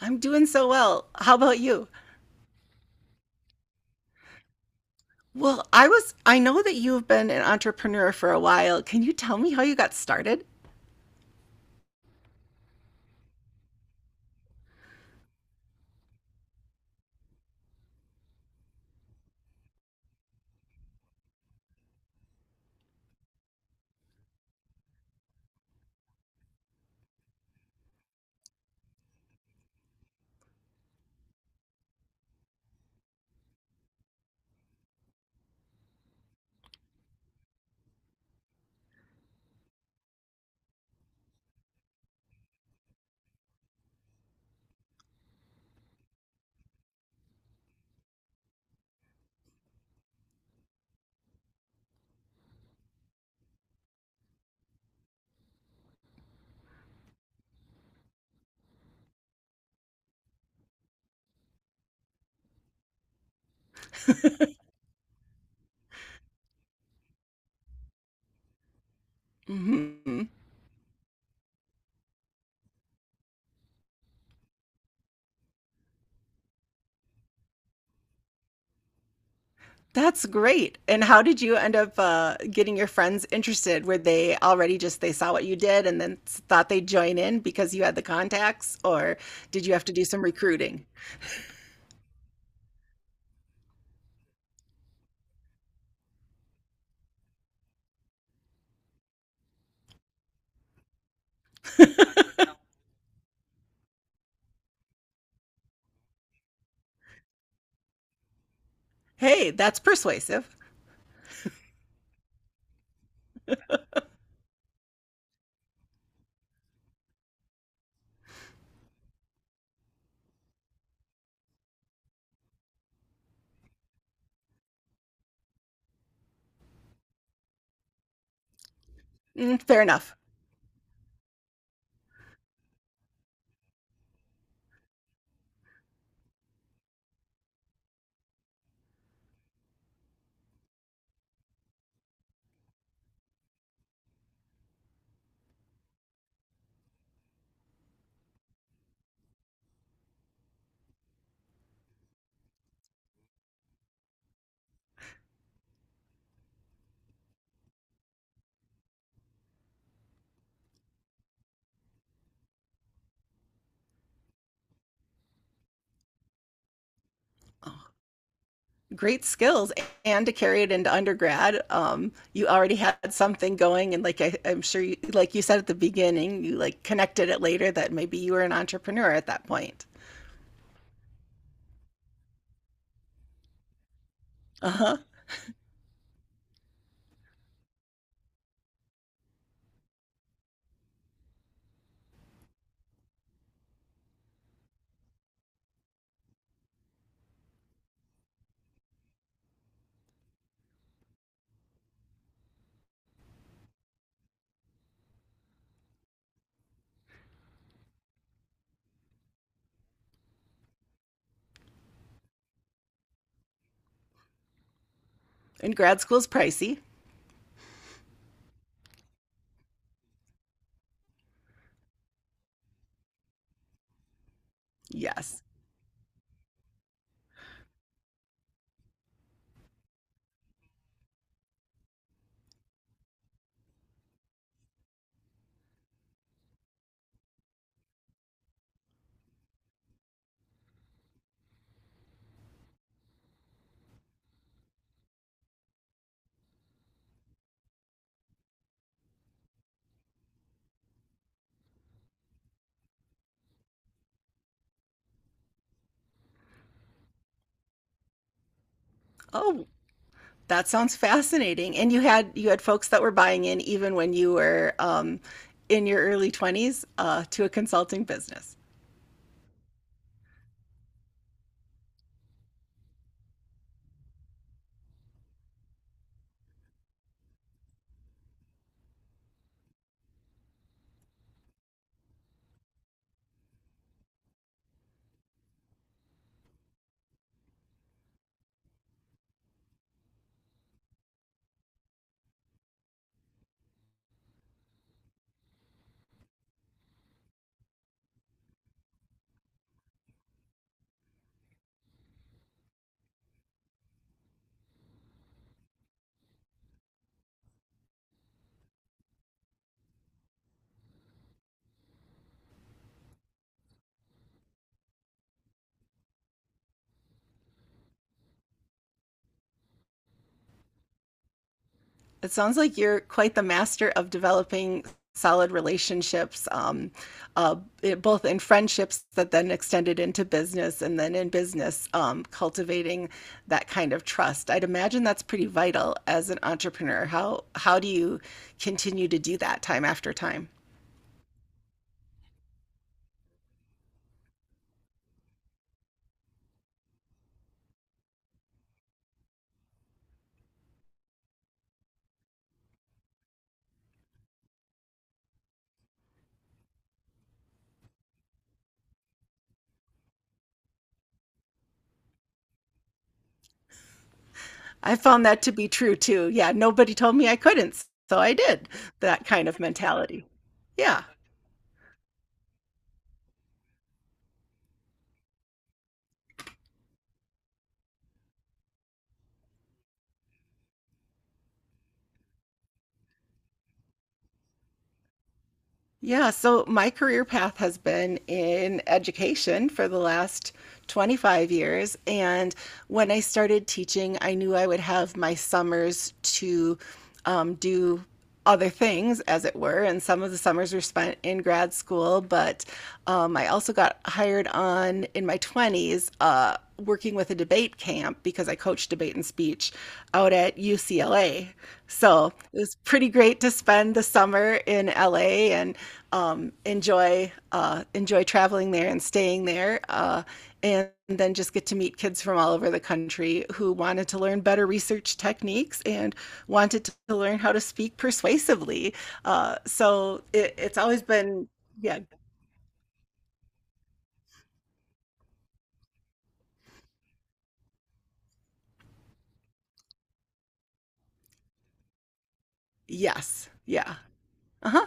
I'm doing so well. How about you? Well, I know that you've been an entrepreneur for a while. Can you tell me how you got started? Hmm. That's great. And how did you end up getting your friends interested? Were they already just they saw what you did and then thought they'd join in because you had the contacts, or did you have to do some recruiting? Hey, that's persuasive. Mm, fair enough. Great skills, and to carry it into undergrad, you already had something going, and like I'm sure you, like you said at the beginning, you like connected it later that maybe you were an entrepreneur at that point. Uh-huh. And grad school's pricey. Yes. Oh, that sounds fascinating, and you had folks that were buying in even when you were in your early 20s, to a consulting business. It sounds like you're quite the master of developing solid relationships, uh, both in friendships that then extended into business and then in business, cultivating that kind of trust. I'd imagine that's pretty vital as an entrepreneur. How do you continue to do that time after time? I found that to be true too. Yeah, nobody told me I couldn't, so I did. That kind of mentality. Yeah. Yeah, so my career path has been in education for the last 25 years. And when I started teaching, I knew I would have my summers to do other things, as it were. And some of the summers were spent in grad school, but I also got hired on in my 20s. Working with a debate camp because I coached debate and speech out at UCLA. So it was pretty great to spend the summer in LA and enjoy enjoy traveling there and staying there, and then just get to meet kids from all over the country who wanted to learn better research techniques and wanted to learn how to speak persuasively. So it's always been. Yeah. Yes. Yeah. Uh huh.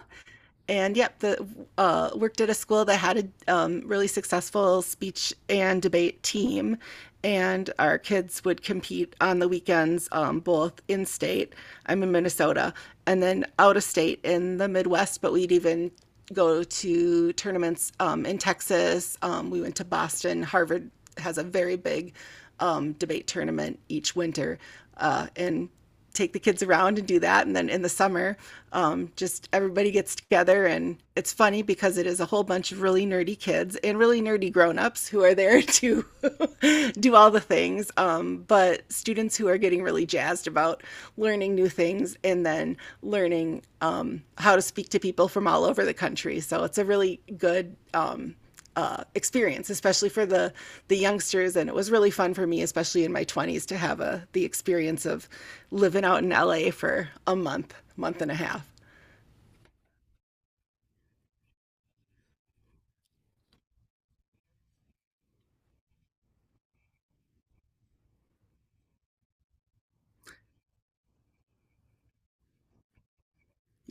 And yep, the worked at a school that had a really successful speech and debate team, and our kids would compete on the weekends, both in state. I'm in Minnesota, and then out of state in the Midwest. But we'd even go to tournaments in Texas. We went to Boston. Harvard has a very big debate tournament each winter, and take the kids around and do that. And then in the summer, just everybody gets together. And it's funny because it is a whole bunch of really nerdy kids and really nerdy grown-ups who are there to do all the things. But students who are getting really jazzed about learning new things and then learning how to speak to people from all over the country. So it's a really good experience, especially for the youngsters. And it was really fun for me, especially in my twenties, to have a the experience of living out in LA for a month, month and a half.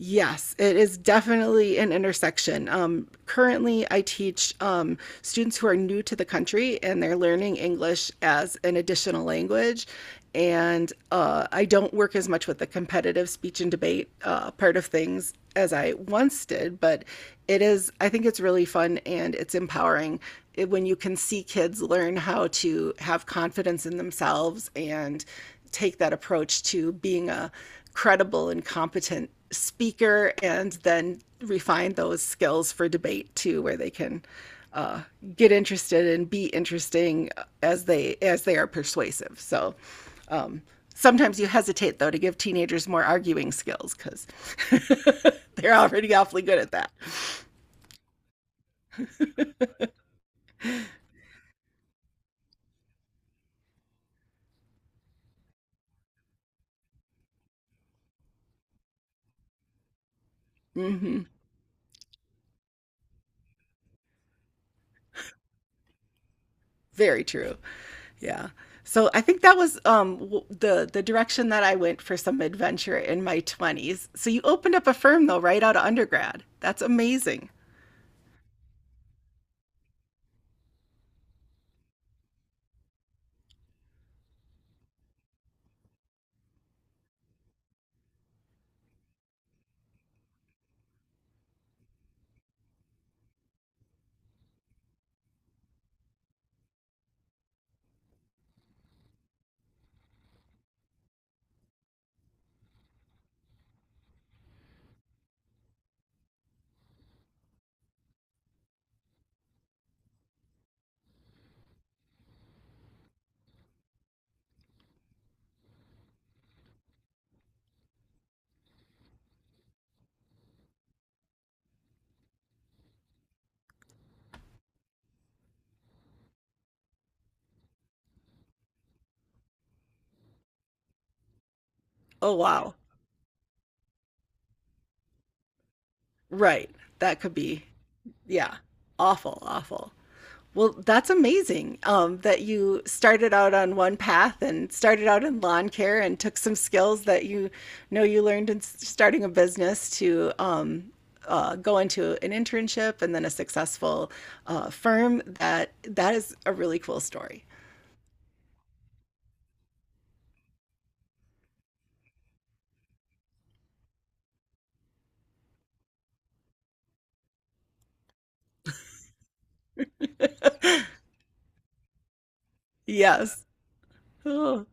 Yes, it is definitely an intersection. Currently, I teach students who are new to the country and they're learning English as an additional language. And I don't work as much with the competitive speech and debate part of things as I once did, but I think it's really fun and it's empowering when you can see kids learn how to have confidence in themselves and take that approach to being a credible and competent speaker and then refine those skills for debate too, where they can uh, get interested and be interesting as they are persuasive. So sometimes you hesitate though to give teenagers more arguing skills because they're already awfully good at that. Hmm. Very true. Yeah. So I think that was the direction that I went for some adventure in my twenties. So you opened up a firm though, right out of undergrad. That's amazing. Oh wow. Right. That could be. Yeah. Awful, awful. Well, that's amazing that you started out on one path and started out in lawn care and took some skills that you know you learned in starting a business to go into an internship and then a successful firm. That is a really cool story. Yes. Oh,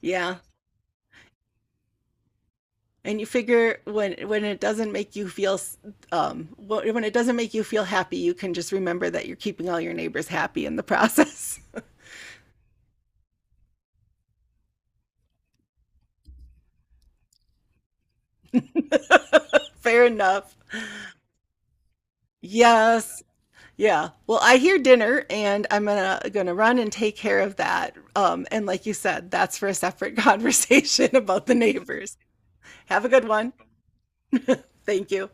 yeah. And you figure when it doesn't make you feel um when it doesn't make you feel happy, you can just remember that you're keeping all your neighbors happy in the process. Fair enough. Yes. Yeah. Well, I hear dinner and I'm gonna run and take care of that. And like you said, that's for a separate conversation about the neighbors. Have a good one. Thank you.